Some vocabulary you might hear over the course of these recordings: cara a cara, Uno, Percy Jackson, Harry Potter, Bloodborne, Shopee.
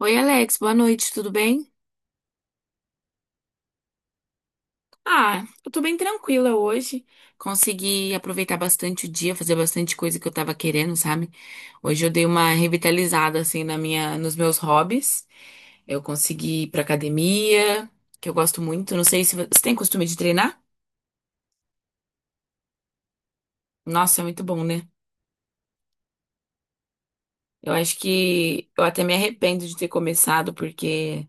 Oi, Alex, boa noite, tudo bem? Ah, eu tô bem tranquila hoje. Consegui aproveitar bastante o dia, fazer bastante coisa que eu tava querendo, sabe? Hoje eu dei uma revitalizada assim nos meus hobbies. Eu consegui ir pra academia, que eu gosto muito. Não sei se você tem costume de treinar? Nossa, é muito bom, né? Eu acho que eu até me arrependo de ter começado, porque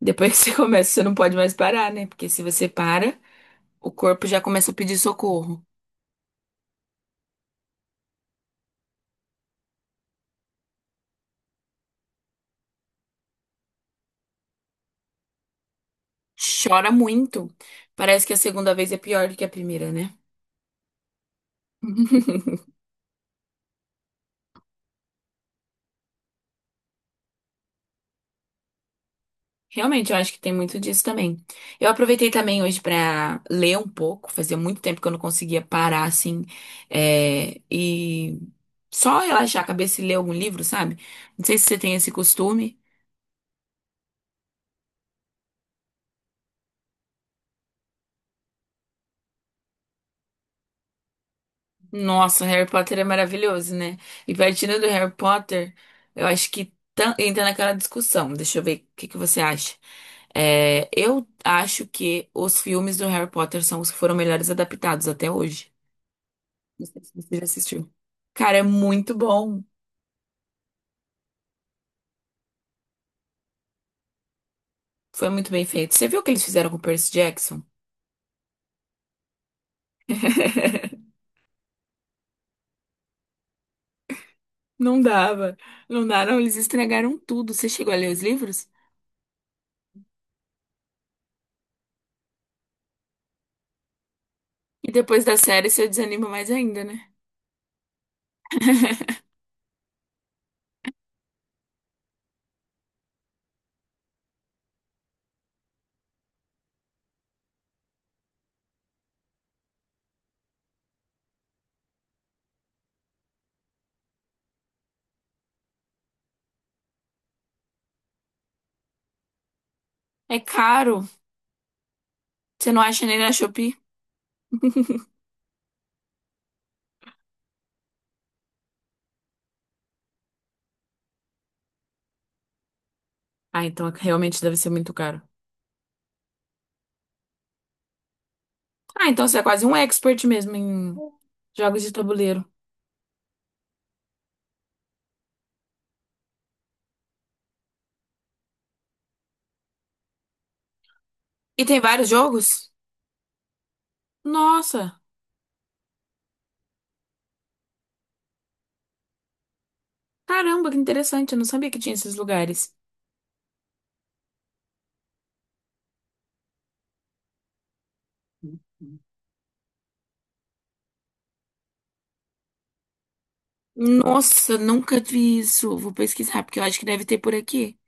depois que você começa, você não pode mais parar, né? Porque se você para, o corpo já começa a pedir socorro. Chora muito. Parece que a segunda vez é pior do que a primeira, né? Realmente, eu acho que tem muito disso também. Eu aproveitei também hoje pra ler um pouco. Fazia muito tempo que eu não conseguia parar assim, e só relaxar a cabeça e ler algum livro, sabe? Não sei se você tem esse costume. Nossa, Harry Potter é maravilhoso, né? E partindo do Harry Potter, eu acho que entra naquela discussão. Deixa eu ver o que que você acha. É, eu acho que os filmes do Harry Potter são os que foram melhores adaptados até hoje. Não sei se você já assistiu. Cara, é muito bom. Foi muito bem feito. Você viu o que eles fizeram com o Percy Jackson? Não dava. Não daram, eles estragaram tudo. Você chegou a ler os livros? E depois da série, você desanima mais ainda, né? É caro. Você não acha nem na Shopee? Ah, então realmente deve ser muito caro. Ah, então você é quase um expert mesmo em jogos de tabuleiro. E tem vários jogos? Nossa, caramba, que interessante. Eu não sabia que tinha esses lugares. Nossa, nunca vi isso. Vou pesquisar, porque eu acho que deve ter por aqui.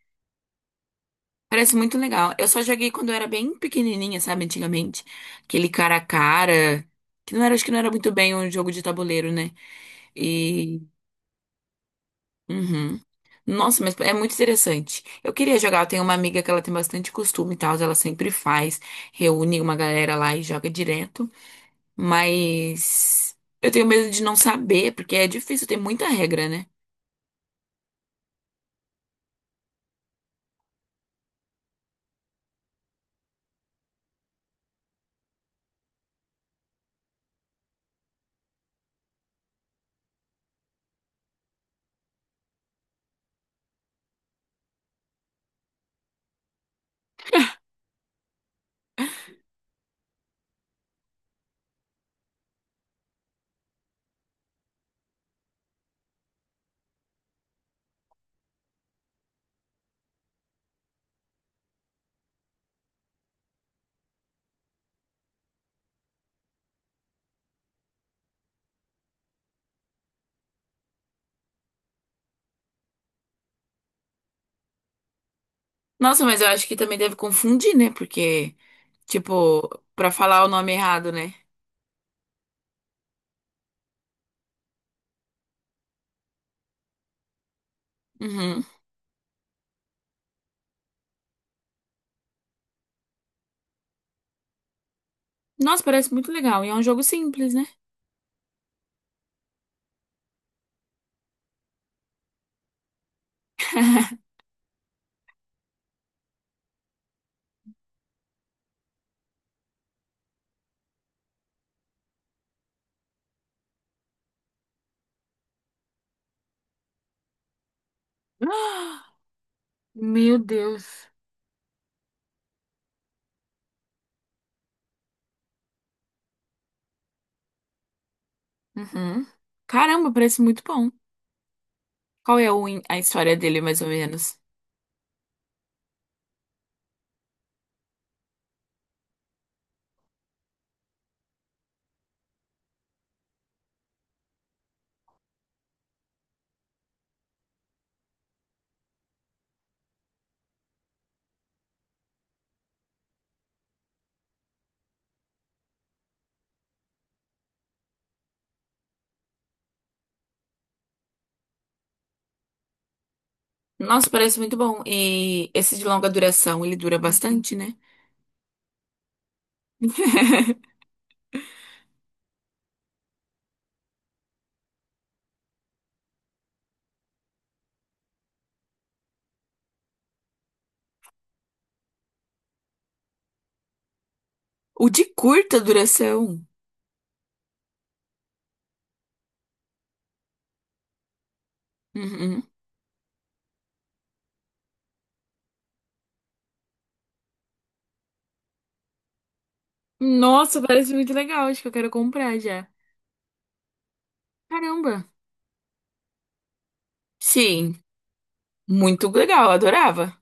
Parece muito legal. Eu só joguei quando eu era bem pequenininha, sabe, antigamente. Aquele cara a cara, que não era, acho que não era muito bem um jogo de tabuleiro, né? E uhum. Nossa, mas é muito interessante. Eu queria jogar. Eu tenho uma amiga que ela tem bastante costume e tal. Ela sempre faz, reúne uma galera lá e joga direto. Mas eu tenho medo de não saber, porque é difícil, tem muita regra, né? Nossa, mas eu acho que também deve confundir, né? Porque, tipo, pra falar o nome errado, né? Uhum. Nossa, parece muito legal. E é um jogo simples, né? Ah, meu Deus. Uhum. Caramba, parece muito bom. Qual é o a história dele, mais ou menos? Nossa, parece muito bom. E esse de longa duração, ele dura bastante, né? O de curta duração. Uhum. Nossa, parece muito legal. Acho que eu quero comprar já. Caramba. Sim, muito legal. Adorava.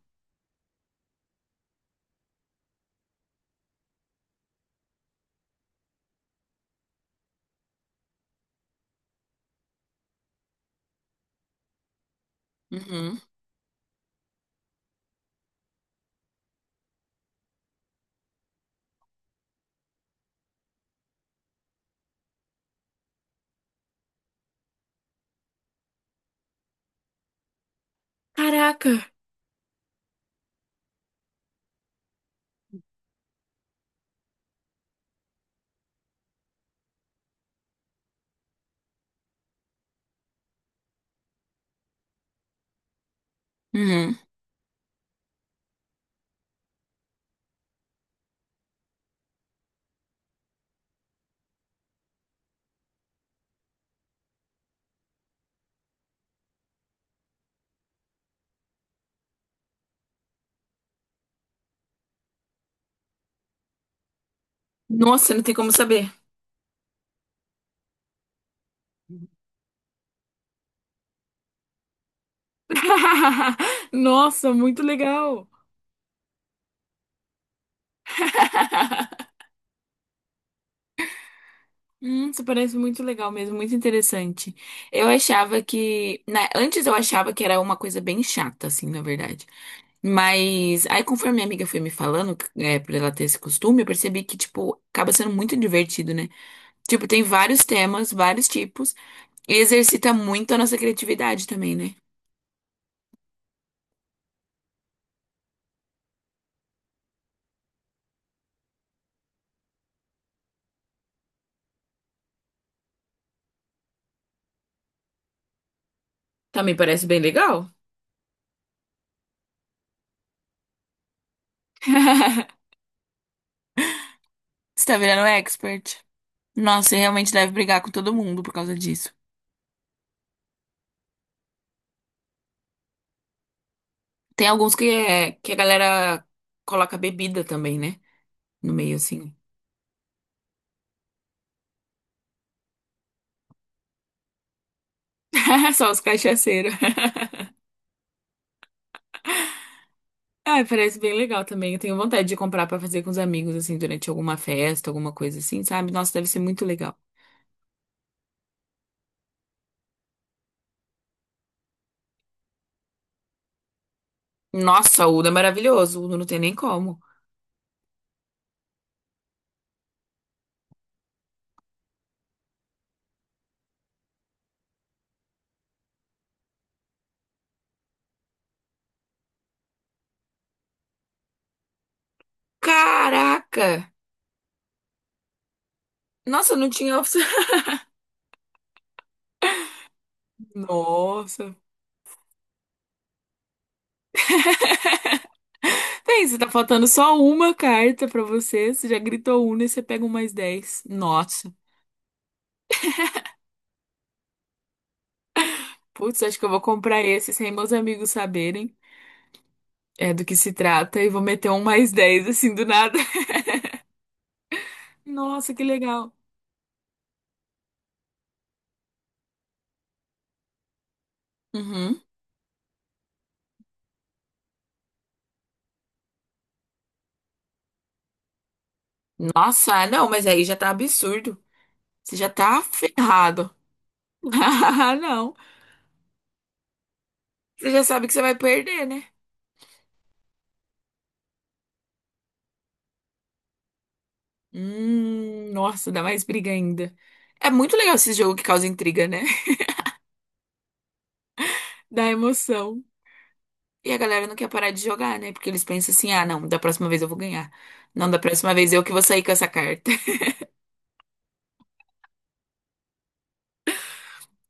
Uhum. Caraca. Uhum. Nossa, não tem como saber. Nossa, muito legal. Isso parece muito legal mesmo, muito interessante. Eu achava que, né, antes eu achava que era uma coisa bem chata, assim, na verdade. Mas aí, conforme minha amiga foi me falando, é, por ela ter esse costume, eu percebi que, tipo, acaba sendo muito divertido, né? Tipo, tem vários temas, vários tipos, e exercita muito a nossa criatividade também, né? Também parece bem legal. Você tá virando expert. Nossa, você realmente deve brigar com todo mundo por causa disso. Tem alguns que, é, que a galera coloca bebida também, né? No meio, assim. Só os cachaceiros. Ah, parece bem legal também. Eu tenho vontade de comprar pra fazer com os amigos, assim, durante alguma festa, alguma coisa assim, sabe? Nossa, deve ser muito legal. Nossa, o Uno é maravilhoso. O Uno não tem nem como. Caraca! Nossa, eu não tinha opção. Nossa. Tem, você tá faltando só uma carta pra você. Você já gritou Uno e você pega um +10. Nossa. Putz, acho que eu vou comprar esse sem meus amigos saberem é, do que se trata e vou meter um +10 assim, do nada. Nossa, que legal. Uhum. Nossa, não, mas aí já tá absurdo. Você já tá ferrado. Ah, não. Você já sabe que você vai perder, né? Nossa, dá mais briga ainda. É muito legal esse jogo que causa intriga, né? Dá emoção. E a galera não quer parar de jogar, né? Porque eles pensam assim: ah, não, da próxima vez eu vou ganhar. Não, da próxima vez eu que vou sair com essa carta.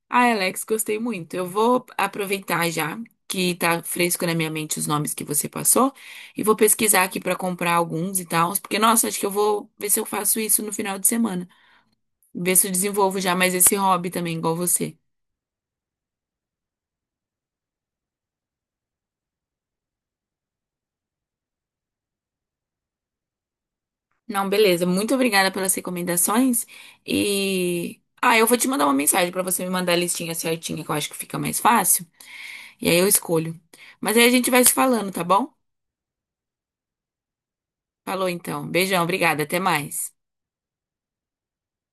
Ah, Alex, gostei muito. Eu vou aproveitar já que tá fresco na minha mente os nomes que você passou e vou pesquisar aqui pra comprar alguns e tal, porque nossa, acho que eu vou ver se eu faço isso no final de semana. Ver se eu desenvolvo já mais esse hobby também, igual você. Não, beleza. Muito obrigada pelas recomendações. E. Ah, eu vou te mandar uma mensagem pra você me mandar a listinha certinha, que eu acho que fica mais fácil. E aí eu escolho. Mas aí a gente vai se falando, tá bom? Falou então. Beijão, obrigada. Até mais.